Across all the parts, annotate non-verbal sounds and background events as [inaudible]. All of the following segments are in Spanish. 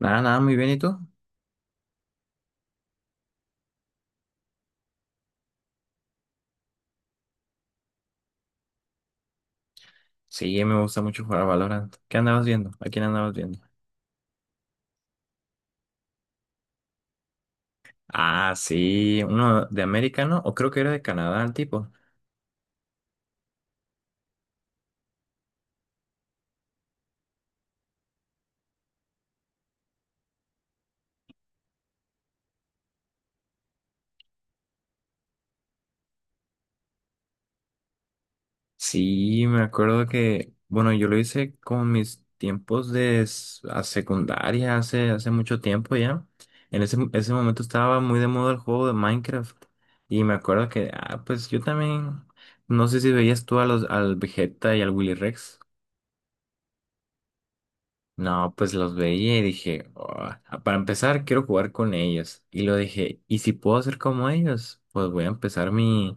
Nada, nada, muy bien, ¿y tú? Sí, me gusta mucho jugar a Valorant. ¿Qué andabas viendo? ¿A quién andabas viendo? Ah, sí, uno de americano, o creo que era de Canadá el tipo. Sí, me acuerdo que, bueno, yo lo hice con mis tiempos a secundaria, hace mucho tiempo ya. En ese momento estaba muy de moda el juego de Minecraft. Y me acuerdo que, pues yo también, no sé si veías tú al Vegeta y al Willy Rex. No, pues los veía y dije: "Ah, para empezar, quiero jugar con ellos. Y lo dije, ¿y si puedo ser como ellos? Pues voy a empezar mi,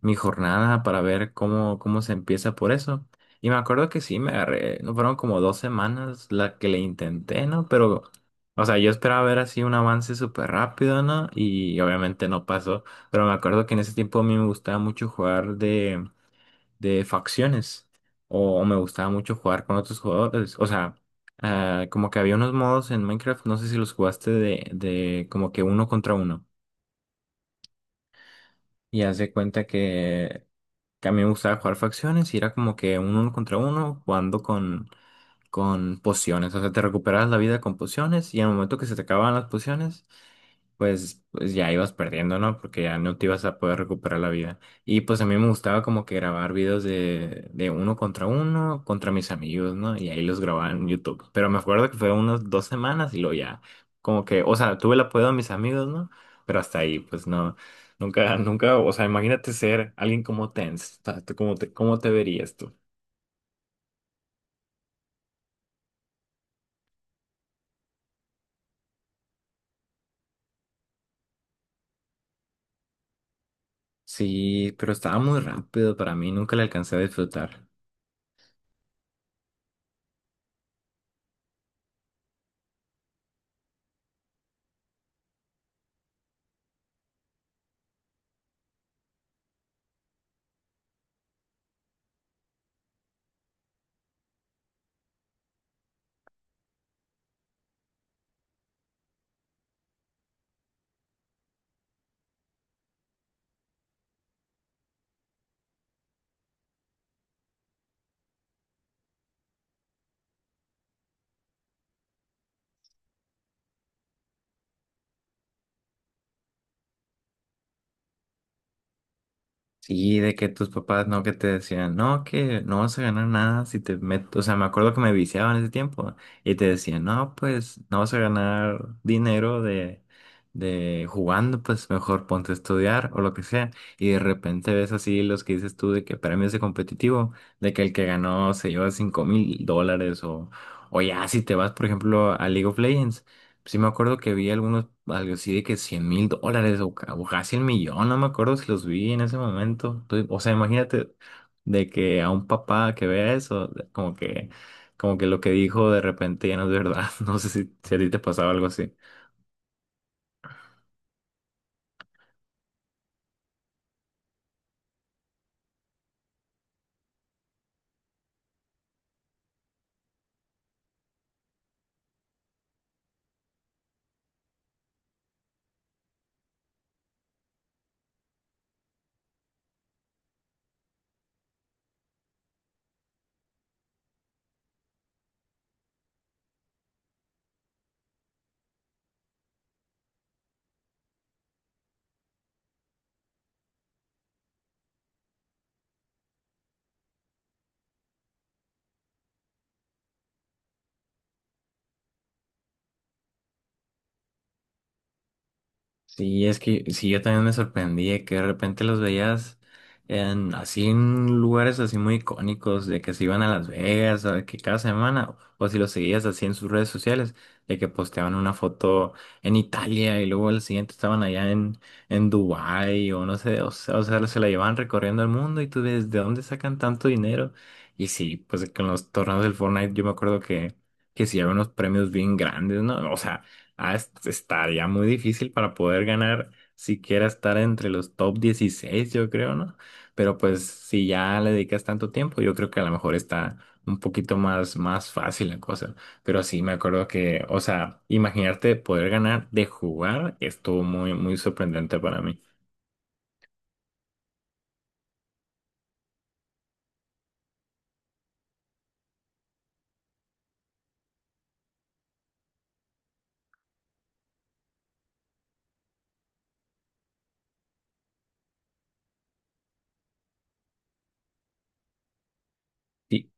mi jornada para ver cómo se empieza por eso." Y me acuerdo que sí, me agarré, no fueron como 2 semanas la que le intenté, ¿no? Pero, o sea, yo esperaba ver así un avance súper rápido, ¿no? Y obviamente no pasó. Pero me acuerdo que en ese tiempo a mí me gustaba mucho jugar de facciones o me gustaba mucho jugar con otros jugadores. O sea, como que había unos modos en Minecraft, no sé si los jugaste de como que uno contra uno. Y haz de cuenta que a mí me gustaba jugar facciones y era como que un uno contra uno jugando con pociones. O sea, te recuperabas la vida con pociones y al momento que se te acababan las pociones, pues ya ibas perdiendo, ¿no? Porque ya no te ibas a poder recuperar la vida. Y pues a mí me gustaba como que grabar videos de uno, contra mis amigos, ¿no? Y ahí los grababa en YouTube. Pero me acuerdo que fue unas 2 semanas y luego ya, como que, o sea, tuve el apoyo de mis amigos, ¿no? Pero hasta ahí, pues no, nunca, nunca, o sea, imagínate ser alguien como Tens, ¿cómo te verías tú? Sí, pero estaba muy rápido para mí, nunca le alcancé a disfrutar. Sí, de que tus papás no que te decían, no, que no vas a ganar nada si te metes, o sea, me acuerdo que me viciaban ese tiempo y te decían, no, pues no vas a ganar dinero de jugando, pues mejor ponte a estudiar o lo que sea. Y de repente ves así los que dices tú de que premios de competitivo, de que el que ganó se lleva $5,000 o ya si te vas, por ejemplo, a League of Legends. Sí, me acuerdo que vi algunos, algo así de que $100,000 o casi el millón, no me acuerdo si los vi en ese momento. Entonces, o sea, imagínate de que a un papá que vea eso, como que lo que dijo de repente ya no es verdad. [laughs] No sé si a ti te pasaba algo así. Sí, es que sí, yo también me sorprendí de que de repente los veías en, así en lugares así muy icónicos, de que se iban a Las Vegas, o de que cada semana, o si los seguías así en sus redes sociales, de que posteaban una foto en Italia y luego al siguiente estaban allá en Dubái o no sé, o sea, se la llevaban recorriendo el mundo y tú ves de dónde sacan tanto dinero. Y sí, pues con los torneos del Fortnite yo me acuerdo que sí había unos premios bien grandes, ¿no? O sea... Estaría muy difícil para poder ganar siquiera estar entre los top 16 yo creo, ¿no? Pero pues si ya le dedicas tanto tiempo, yo creo que a lo mejor está un poquito más, más fácil la cosa. Pero sí, me acuerdo que, o sea, imaginarte poder ganar de jugar estuvo muy, muy sorprendente para mí. Sí,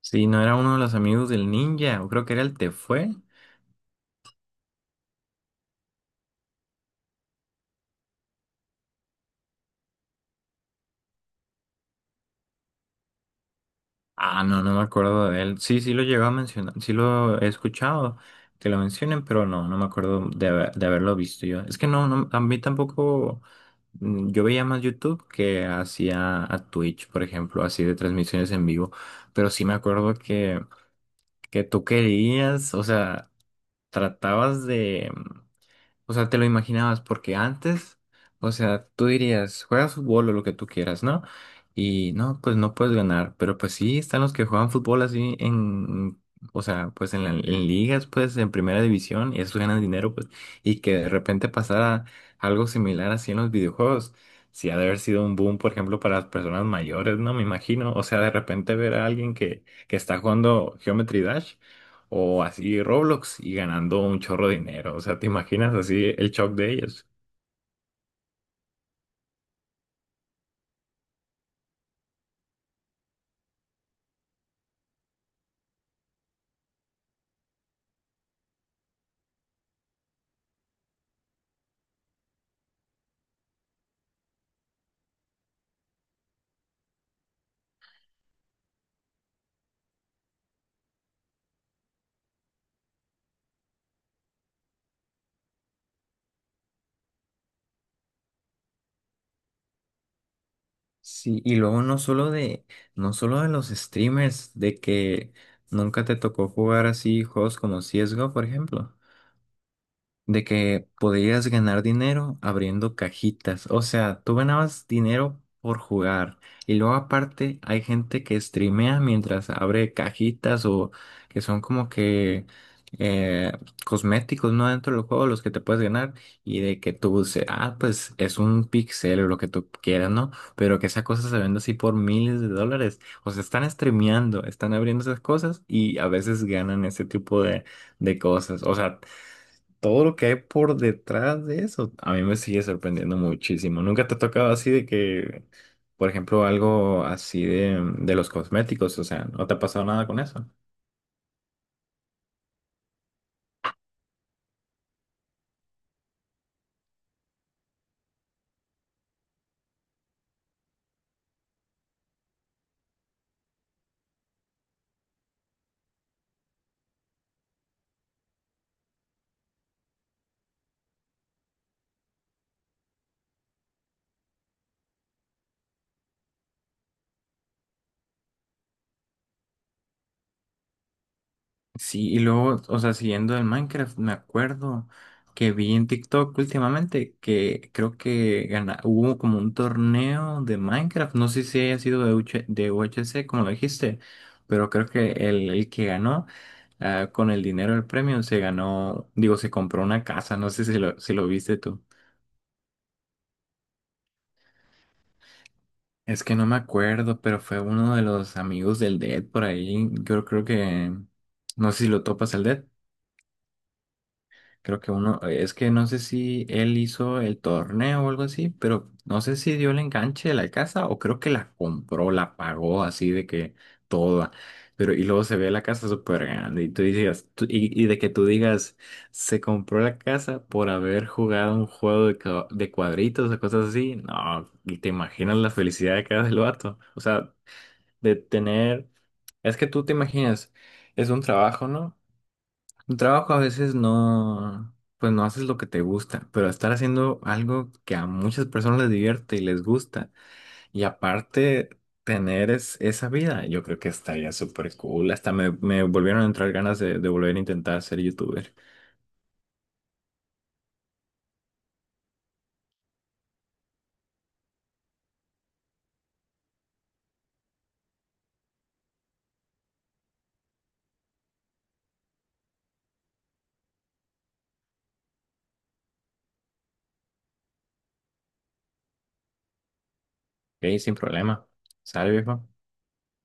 sí, no era uno de los amigos del ninja, o creo que era el Tefue. Ah, no, no me acuerdo de él. Sí, sí lo llegó a mencionar, sí lo he escuchado que lo mencionen, pero no, no me acuerdo de haberlo visto yo. Es que no, no, a mí tampoco, yo veía más YouTube que hacía a Twitch, por ejemplo, así de transmisiones en vivo, pero sí me acuerdo que tú querías, o sea, tratabas de... O sea, te lo imaginabas porque antes, o sea, tú dirías, juegas fútbol o lo que tú quieras, ¿no? Y no, pues no puedes ganar, pero pues sí, están los que juegan fútbol así en, o sea, pues en, en ligas, pues en primera división, y eso ganan dinero, pues, y que de repente pasara algo similar así en los videojuegos. Sí, ha de haber sido un boom, por ejemplo, para las personas mayores, ¿no? Me imagino. O sea, de repente ver a alguien que está jugando Geometry Dash. O así Roblox y ganando un chorro de dinero. O sea, ¿te imaginas así el shock de ellos? Sí, y luego no solo de los streamers, de que nunca te tocó jugar así juegos como CSGO, por ejemplo. De que podías ganar dinero abriendo cajitas. O sea, tú ganabas dinero por jugar. Y luego aparte hay gente que streamea mientras abre cajitas o que son como que eh, cosméticos, ¿no? Dentro del juego, los que te puedes ganar. Y de que tú dices, ah, pues es un pixel o lo que tú quieras, ¿no? Pero que esa cosa se vende así por miles de dólares. O sea, están streameando, están abriendo esas cosas y a veces ganan ese tipo de cosas. O sea, todo lo que hay por detrás de eso, a mí me sigue sorprendiendo muchísimo. ¿Nunca te ha tocado así de que, por ejemplo, algo así de los cosméticos? O sea, ¿no te ha pasado nada con eso? Sí, y luego, o sea, siguiendo el Minecraft, me acuerdo que vi en TikTok últimamente que creo que hubo como un torneo de Minecraft, no sé si haya sido de UHC, como lo dijiste, pero creo que el que ganó con el dinero del premio se ganó, digo, se compró una casa, no sé si lo viste tú. Es que no me acuerdo, pero fue uno de los amigos del Dead por ahí, yo creo que, no sé si lo topas el Dead. Creo que uno, es que no sé si él hizo el torneo o algo así, pero no sé si dio el enganche de la casa o creo que la compró, la pagó así de que toda. Pero y luego se ve la casa súper grande y tú dices, y de que tú digas, se compró la casa por haber jugado un juego de cuadritos o cosas así. No, y te imaginas la felicidad de cada del vato. O sea, de tener, es que tú te imaginas, es un trabajo, ¿no? El trabajo a veces no, pues no haces lo que te gusta, pero estar haciendo algo que a muchas personas les divierte y les gusta, y aparte tener esa vida, yo creo que estaría súper cool. Hasta me volvieron a entrar ganas de volver a intentar ser youtuber. Ok, sin problema. ¿Sale, viejo?